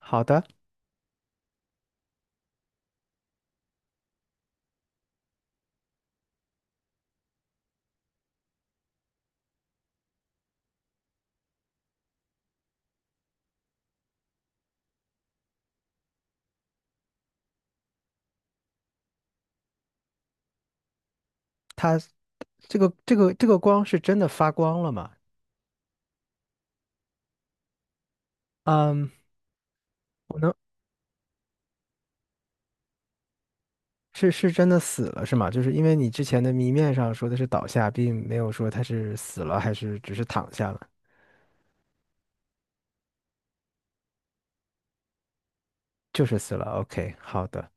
好的，它这个光是真的发光了吗？嗯，我能是真的死了是吗？就是因为你之前的谜面上说的是倒下，并没有说他是死了还是只是躺下了，就是死了。OK，好的，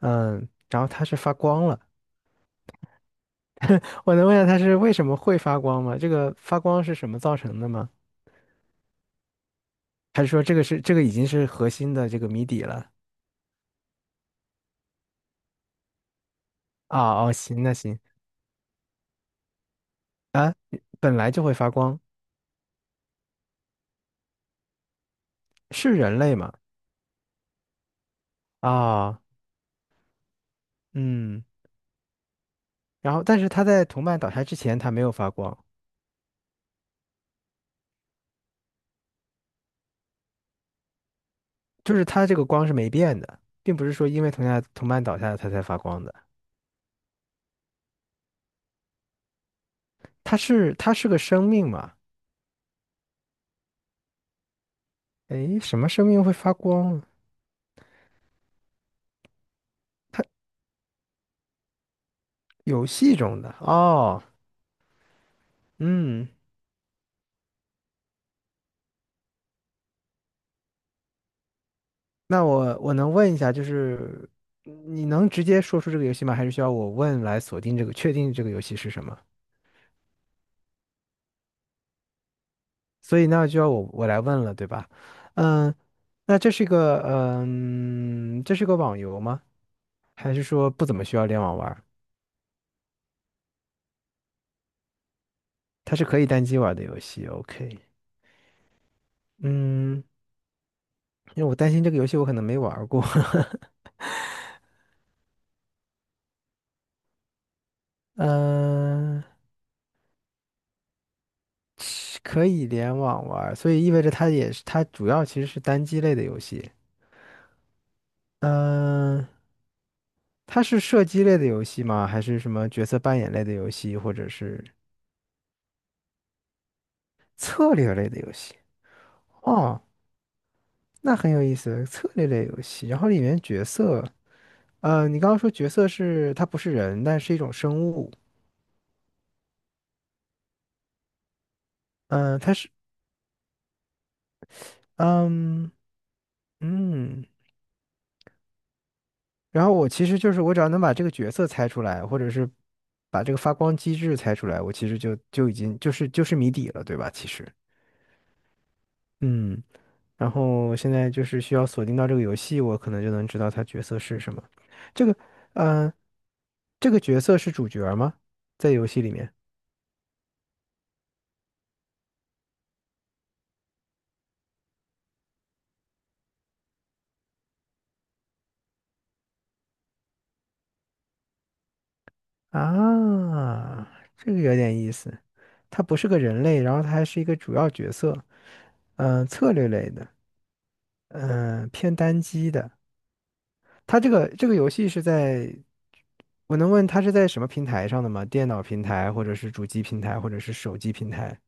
嗯，然后它是发光了，我能问一下它是为什么会发光吗？这个发光是什么造成的吗？还是说这个已经是核心的这个谜底了？啊哦，行那行啊，本来就会发光，是人类吗？啊，嗯。然后，但是它在同伴倒下之前，它没有发光，就是它这个光是没变的，并不是说因为同伴倒下了它才发光的。它是个生命嘛？诶，什么生命会发光？游戏中的哦，嗯，那我能问一下，就是你能直接说出这个游戏吗？还是需要我问来锁定这个，确定这个游戏是什么？所以那就要我来问了，对吧？嗯，那这是一个嗯，这是个网游吗？还是说不怎么需要联网玩？它是可以单机玩的游戏，OK。嗯，因为我担心这个游戏我可能没玩儿过。嗯、是可以联网玩儿所以意味着它也是它主要其实是单机类的游戏。嗯、它是射击类的游戏吗？还是什么角色扮演类的游戏，或者是策略类的游戏？哦，那很有意思，策略类游戏。然后里面角色，你刚刚说角色是它不是人，但是一种生物。嗯、它是，嗯嗯。然后我其实就是我只要能把这个角色猜出来，或者是把这个发光机制猜出来，我其实就就已经就是就是谜底了，对吧？其实，嗯，然后现在就是需要锁定到这个游戏，我可能就能知道它角色是什么。这个，嗯、这个角色是主角吗？在游戏里面啊，这个有点意思。他不是个人类，然后他还是一个主要角色，嗯、策略类的，嗯、偏单机的。它这个游戏是在，我能问它是在什么平台上的吗？电脑平台，或者是主机平台，或者是手机平台？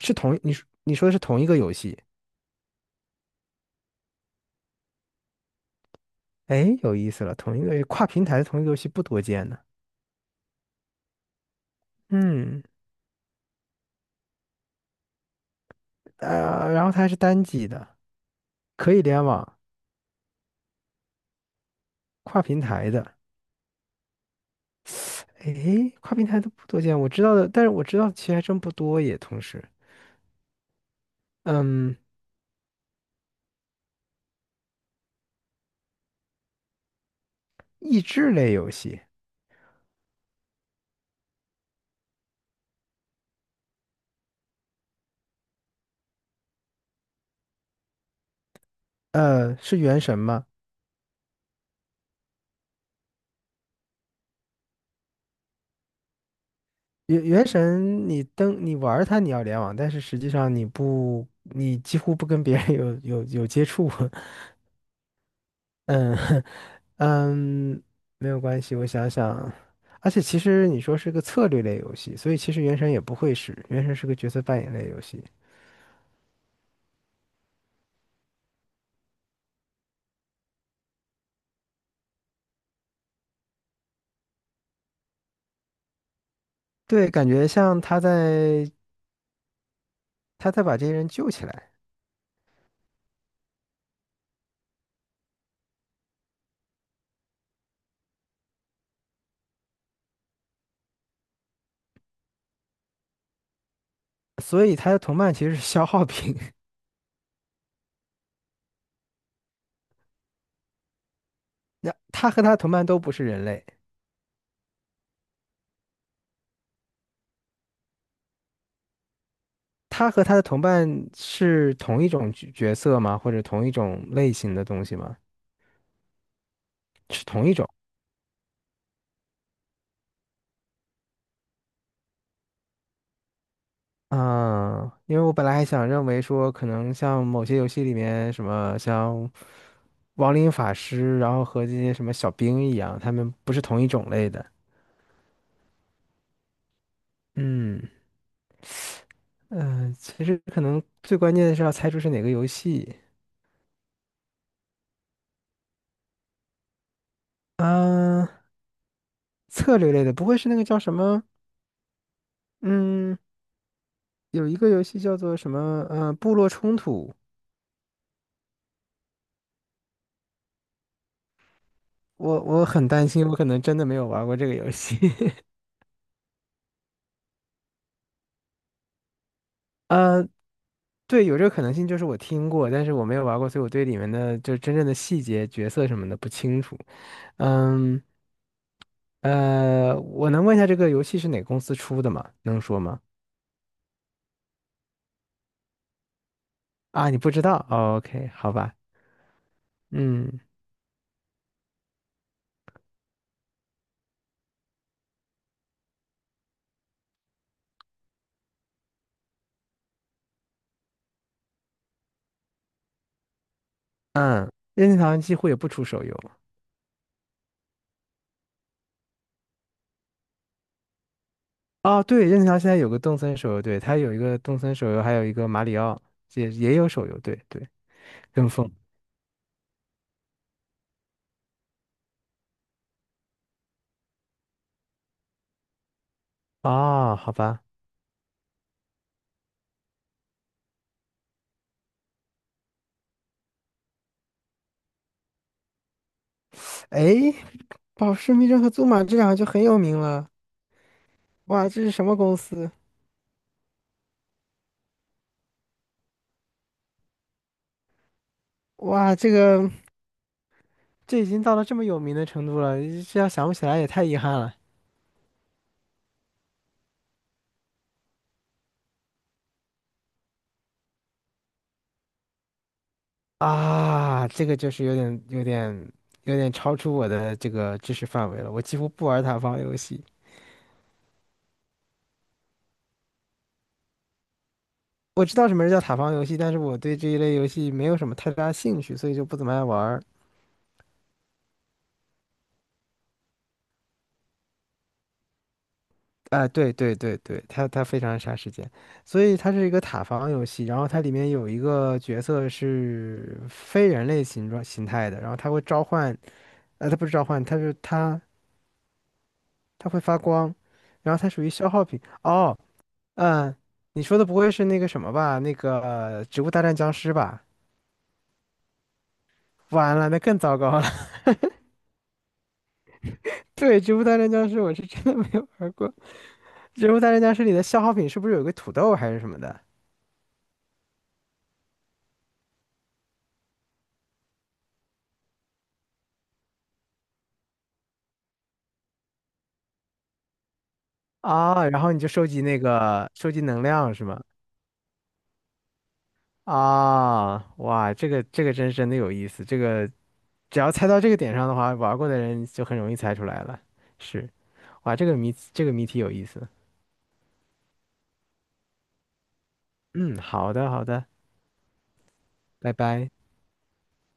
是同你说的是同一个游戏？哎，有意思了，同一个跨平台的同一个游戏不多见呢。嗯，然后它还是单机的，可以联网，跨平台的。哎，跨平台的不多见，我知道的，但是我知道的其实还真不多耶。同时，嗯，益智类游戏，呃，是原神吗？原原神你玩儿它你要联网，但是实际上你几乎不跟别人 有接触，嗯 嗯，没有关系，我想想，而且其实你说是个策略类游戏，所以其实原神也不会是，原神是个角色扮演类游戏，对，感觉像他在把这些人救起来，所以他的同伴其实是消耗品，那他和他同伴都不是人类。他和他的同伴是同一种角色吗？或者同一种类型的东西吗？是同一种啊，因为我本来还想认为说，可能像某些游戏里面什么像亡灵法师，然后和这些什么小兵一样，他们不是同一种类的。嗯嗯，其实可能最关键的是要猜出是哪个游戏嗯，策略类的，不会是那个叫什么？嗯，有一个游戏叫做什么？呃，部落冲突。我很担心，我可能真的没有玩过这个游戏。呃，对，有这个可能性，就是我听过，但是我没有玩过，所以我对里面的就真正的细节、角色什么的不清楚。嗯，呃，我能问一下这个游戏是哪个公司出的吗？能说吗？啊，你不知道哦？OK，好吧。嗯嗯，任天堂几乎也不出手游。哦，对，任天堂现在有个动森手游，对，它有一个动森手游，还有一个马里奥，也有手游，对对，跟风。哦，好吧。哎，宝石密侦和祖玛这两个就很有名了。哇，这是什么公司？哇，这个这已经到了这么有名的程度了，这要想不起来也太遗憾了啊！这个就是有点超出我的这个知识范围了。我几乎不玩塔防游戏，我知道什么是叫塔防游戏，但是我对这一类游戏没有什么太大兴趣，所以就不怎么爱玩儿啊，对对对对，它非常杀时间，所以它是一个塔防游戏，然后它里面有一个角色是非人类形状形态的，然后它会召唤，呃，它不是召唤，它是它它会发光，然后它属于消耗品。哦，嗯，你说的不会是那个什么吧？那个《植物大战僵尸》吧？完了，那更糟糕了。对，《植物大战僵尸》我是真的没有玩过，《植物大战僵尸》里的消耗品是不是有个土豆还是什么的？啊，然后你就收集那个收集能量是吗？啊，哇，这个真是真的有意思，这个只要猜到这个点上的话，玩过的人就很容易猜出来了。是，哇，这个谜题有意思。嗯，好的好的，拜拜。